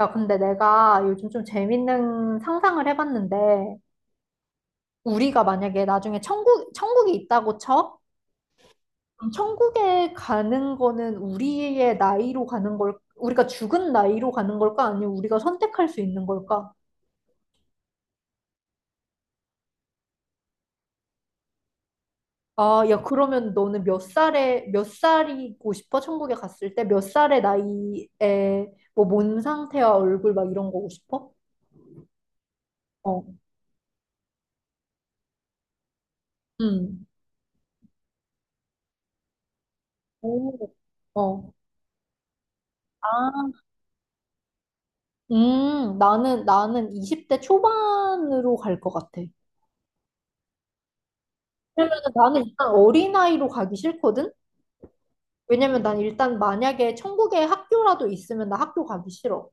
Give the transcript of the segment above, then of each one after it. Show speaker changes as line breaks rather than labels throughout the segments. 야, 근데 내가 요즘 좀 재밌는 상상을 해봤는데, 우리가 만약에 나중에 천국이 있다고 쳐? 그럼 천국에 가는 거는 우리의 나이로 가는 걸, 우리가 죽은 나이로 가는 걸까? 아니면 우리가 선택할 수 있는 걸까? 아, 야, 그러면 너는 몇 살이고 싶어? 천국에 갔을 때? 몇 살의 나이에, 뭐, 몸 상태와 얼굴 막 이런 거고 싶어? 어, 음, 오, 어. 나는 20대 초반으로 갈 것 같아. 왜냐면 나는 일단 어린아이로 가기 싫거든? 왜냐면 난 일단 만약에 천국에 학교라도 있으면 나 학교 가기 싫어.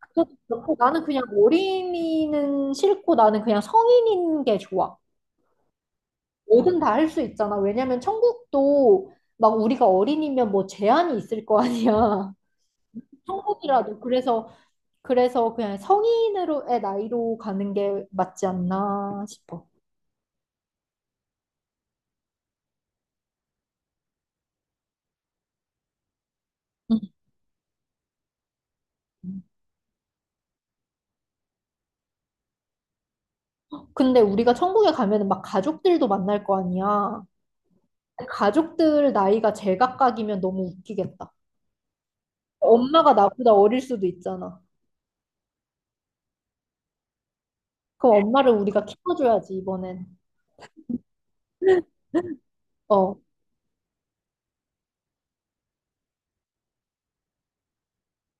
그래서 그렇고 나는 그냥 어린이는 싫고 나는 그냥 성인인 게 좋아. 뭐든 다 할 수 있잖아. 왜냐면 천국도 막 우리가 어린이면 뭐 제한이 있을 거 아니야. 천국이라도. 그래서 그냥 성인으로의 나이로 가는 게 맞지 않나 싶어. 응. 근데 우리가 천국에 가면은 막 가족들도 만날 거 아니야. 가족들 나이가 제각각이면 너무 웃기겠다. 엄마가 나보다 어릴 수도 있잖아. 그럼 엄마를 우리가 키워줘야지, 이번엔. 어,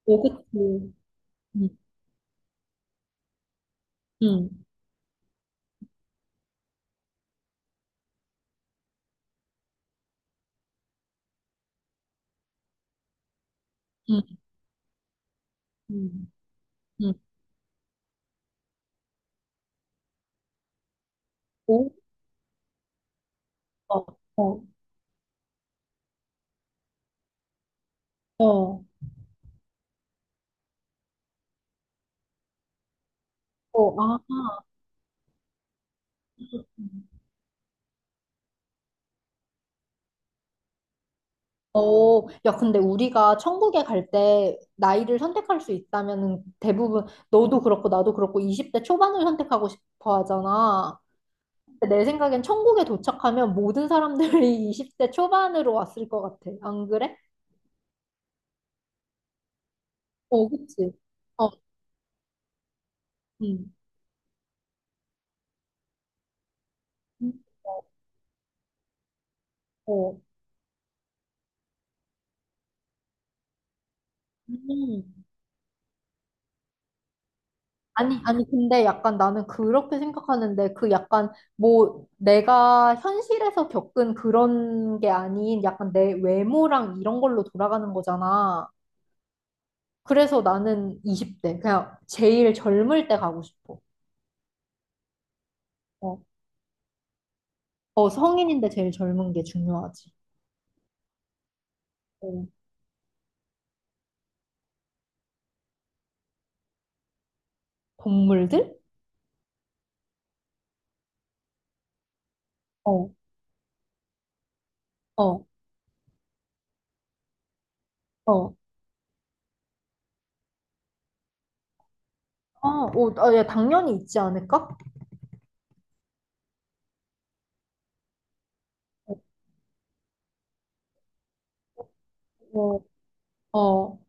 오, 그치. 응, 응, 응, 응, 응. 오, 어, 어, 어, 어, 아. 어, 야, 근데 우리가 천국에 갈 때 나이를 선택할 수 있다면은 대부분 너도 그렇고 나도 그렇고 20대 초반을 선택하고 싶어 하잖아. 내 생각엔 천국에 도착하면 모든 사람들이 20대 초반으로 왔을 것 같아. 안 그래? 어, 그치. 어, 음, 음, 어. 음. 아니, 아니, 근데 약간 나는 그렇게 생각하는데, 그 약간 뭐 내가 현실에서 겪은 그런 게 아닌 약간 내 외모랑 이런 걸로 돌아가는 거잖아. 그래서 나는 20대, 그냥 제일 젊을 때 가고 싶어. 어, 어 성인인데 제일 젊은 게 중요하지. 어, 동물들? 어, 어. 어, 아, 어, 아, 야, 당연히 있지 않을까? 어, 어,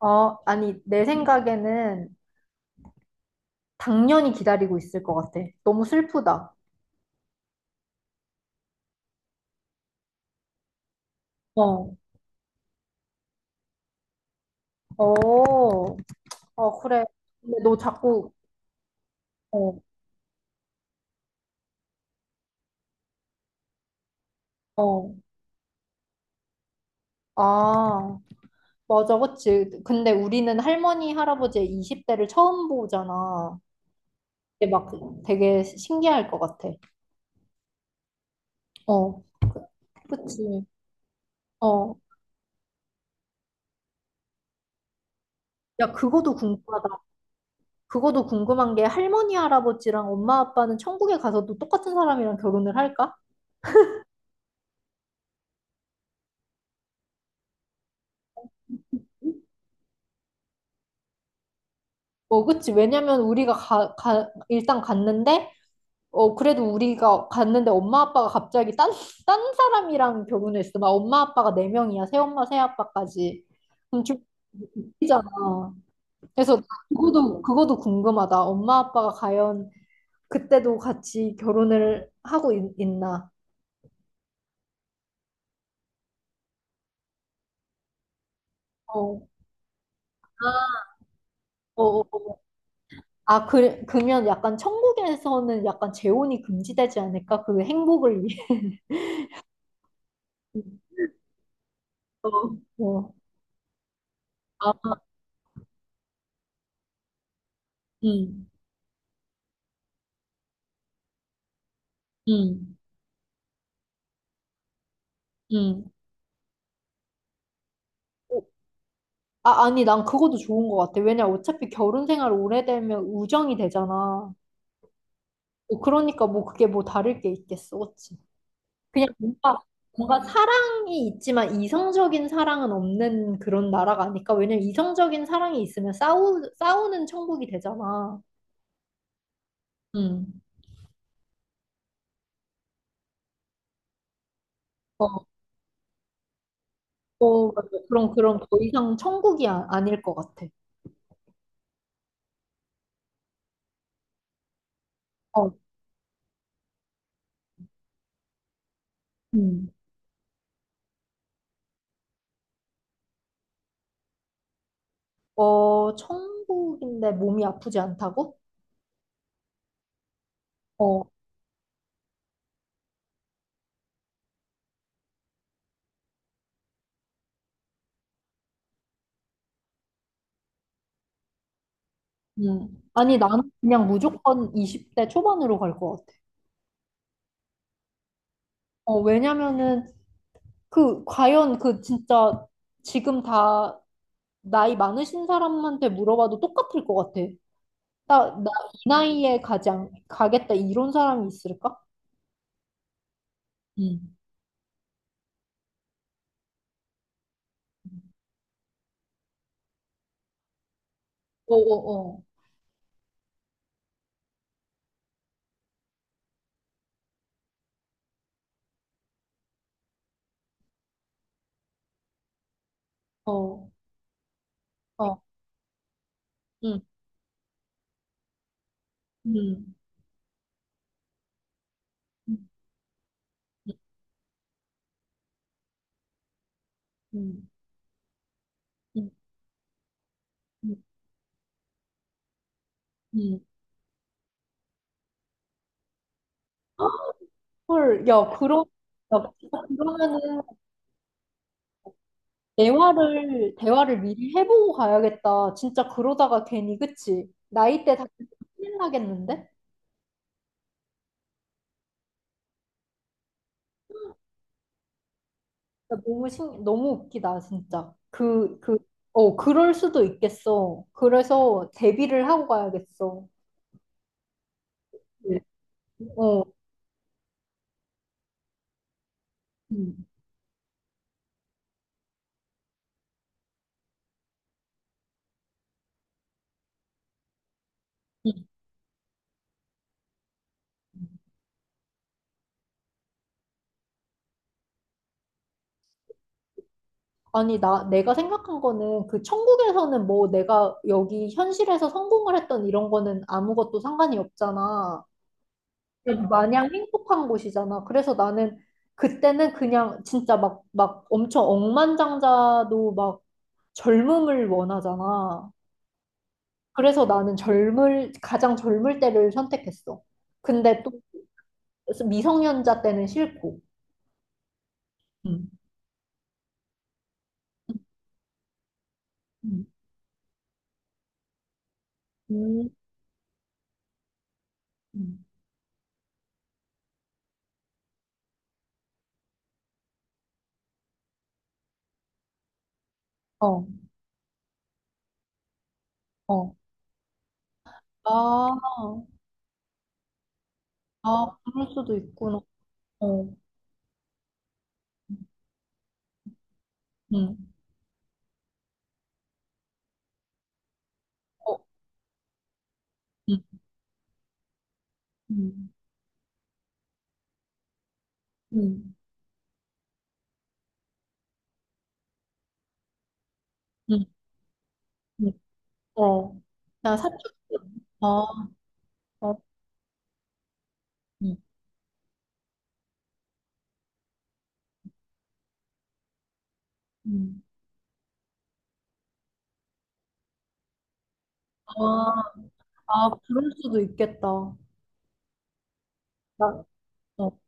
어, 아니, 내 생각에는 당연히 기다리고 있을 것 같아. 너무 슬프다. 어, 어, 어, 그래. 근데 너 자꾸, 어, 어, 아, 맞아, 그치. 근데 우리는 할머니, 할아버지의 20대를 처음 보잖아. 근데 막 되게 신기할 것 같아. 어, 그치. 어, 야, 그거도 궁금하다. 그거도 궁금한 게 할머니, 할아버지랑 엄마, 아빠는 천국에 가서도 똑같은 사람이랑 결혼을 할까? 어, 그치. 왜냐면 우리가 일단 갔는데, 어, 그래도 우리가 갔는데 엄마, 아빠가 갑자기 딴 사람이랑 결혼했어. 막 엄마, 아빠가 네명이야 새엄마, 새아빠까지. 그럼 좀 웃기잖아. 그래서 그거도 궁금하다. 엄마, 아빠가 과연 그때도 같이 결혼을 하고 나 어, 어, 어, 어. 아, 그러면 약간 천국에서는 약간 재혼이 금지되지 않을까? 그 행복을 위해. 어, 어. 아, 음, 음, 음. 어, 아, 아니, 난 그것도 좋은 것 같아. 왜냐, 어차피 결혼 생활 오래되면 우정이 되잖아. 어, 그러니까 뭐 그게 뭐 다를 게 있겠어, 그치? 그냥 뭔가 사랑이 있지만 이성적인 사랑은 없는 그런 나라가 아닐까? 왜냐면 이성적인 사랑이 있으면 싸우는 천국이 되잖아. 음. 어, 맞아. 그럼 더 이상 천국이 아닐 것 같아. 어, 음. 어, 천국인데 몸이 아프지 않다고? 어, 아니, 나는 그냥 무조건 20대 초반으로 갈 것 같아. 어, 왜냐면은, 그, 과연 그 진짜 지금 다 나이 많으신 사람한테 물어봐도 똑같을 것 같아. 나 이 나이에 가겠다 이런 사람이 있을까? 음. 어, 어, 어. 어, 어, 음, 음, 음, 음, 음, 음. 음. 헐, 야, 야, 진짜 그러면은 대화를 미리 해보고 가야겠다. 진짜 그러다가 괜히, 그치? 나이 때 다 큰일 나겠는데? 야, 너무 웃기다, 진짜. 어, 그럴 수도 있겠어. 그래서 대비를 하고 가야겠어. 네. 어, 음. 음. 음. 아니, 내가 생각한 거는 그 천국에서는 뭐 내가 여기 현실에서 성공을 했던 이런 거는 아무것도 상관이 없잖아. 마냥 행복한 곳이잖아. 그래서 나는 그때는 그냥 진짜 막 엄청 억만장자도 막 젊음을 원하잖아. 그래서 나는 가장 젊을 때를 선택했어. 근데 또 미성년자 때는 싫고. 음. 음. 음. 음. 어, 어. 아, 아, 그럴 수도 있구나. 어. 음. 어. 음. 음. 음. 음. 음. 어. 나 사춘기. 아. 어. 음. 아, 아, 그럴 수도 있겠다. 나, 어.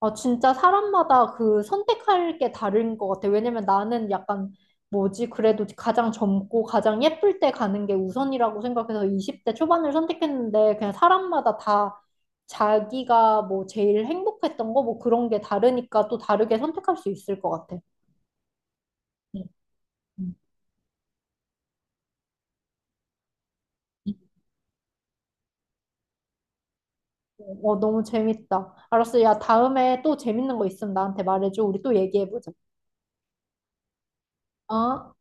아, 진짜 사람마다 그 선택할 게 다른 것 같아. 왜냐면 나는 약간 뭐지? 그래도 가장 젊고 가장 예쁠 때 가는 게 우선이라고 생각해서 20대 초반을 선택했는데 그냥 사람마다 다 자기가 뭐 제일 행복했던 거 뭐 그런 게 다르니까 또 다르게 선택할 수 있을 것 같아. 응, 응. 응. 어, 너무 재밌다. 알았어. 야, 다음에 또 재밌는 거 있으면 나한테 말해줘. 우리 또 얘기해보자. 어?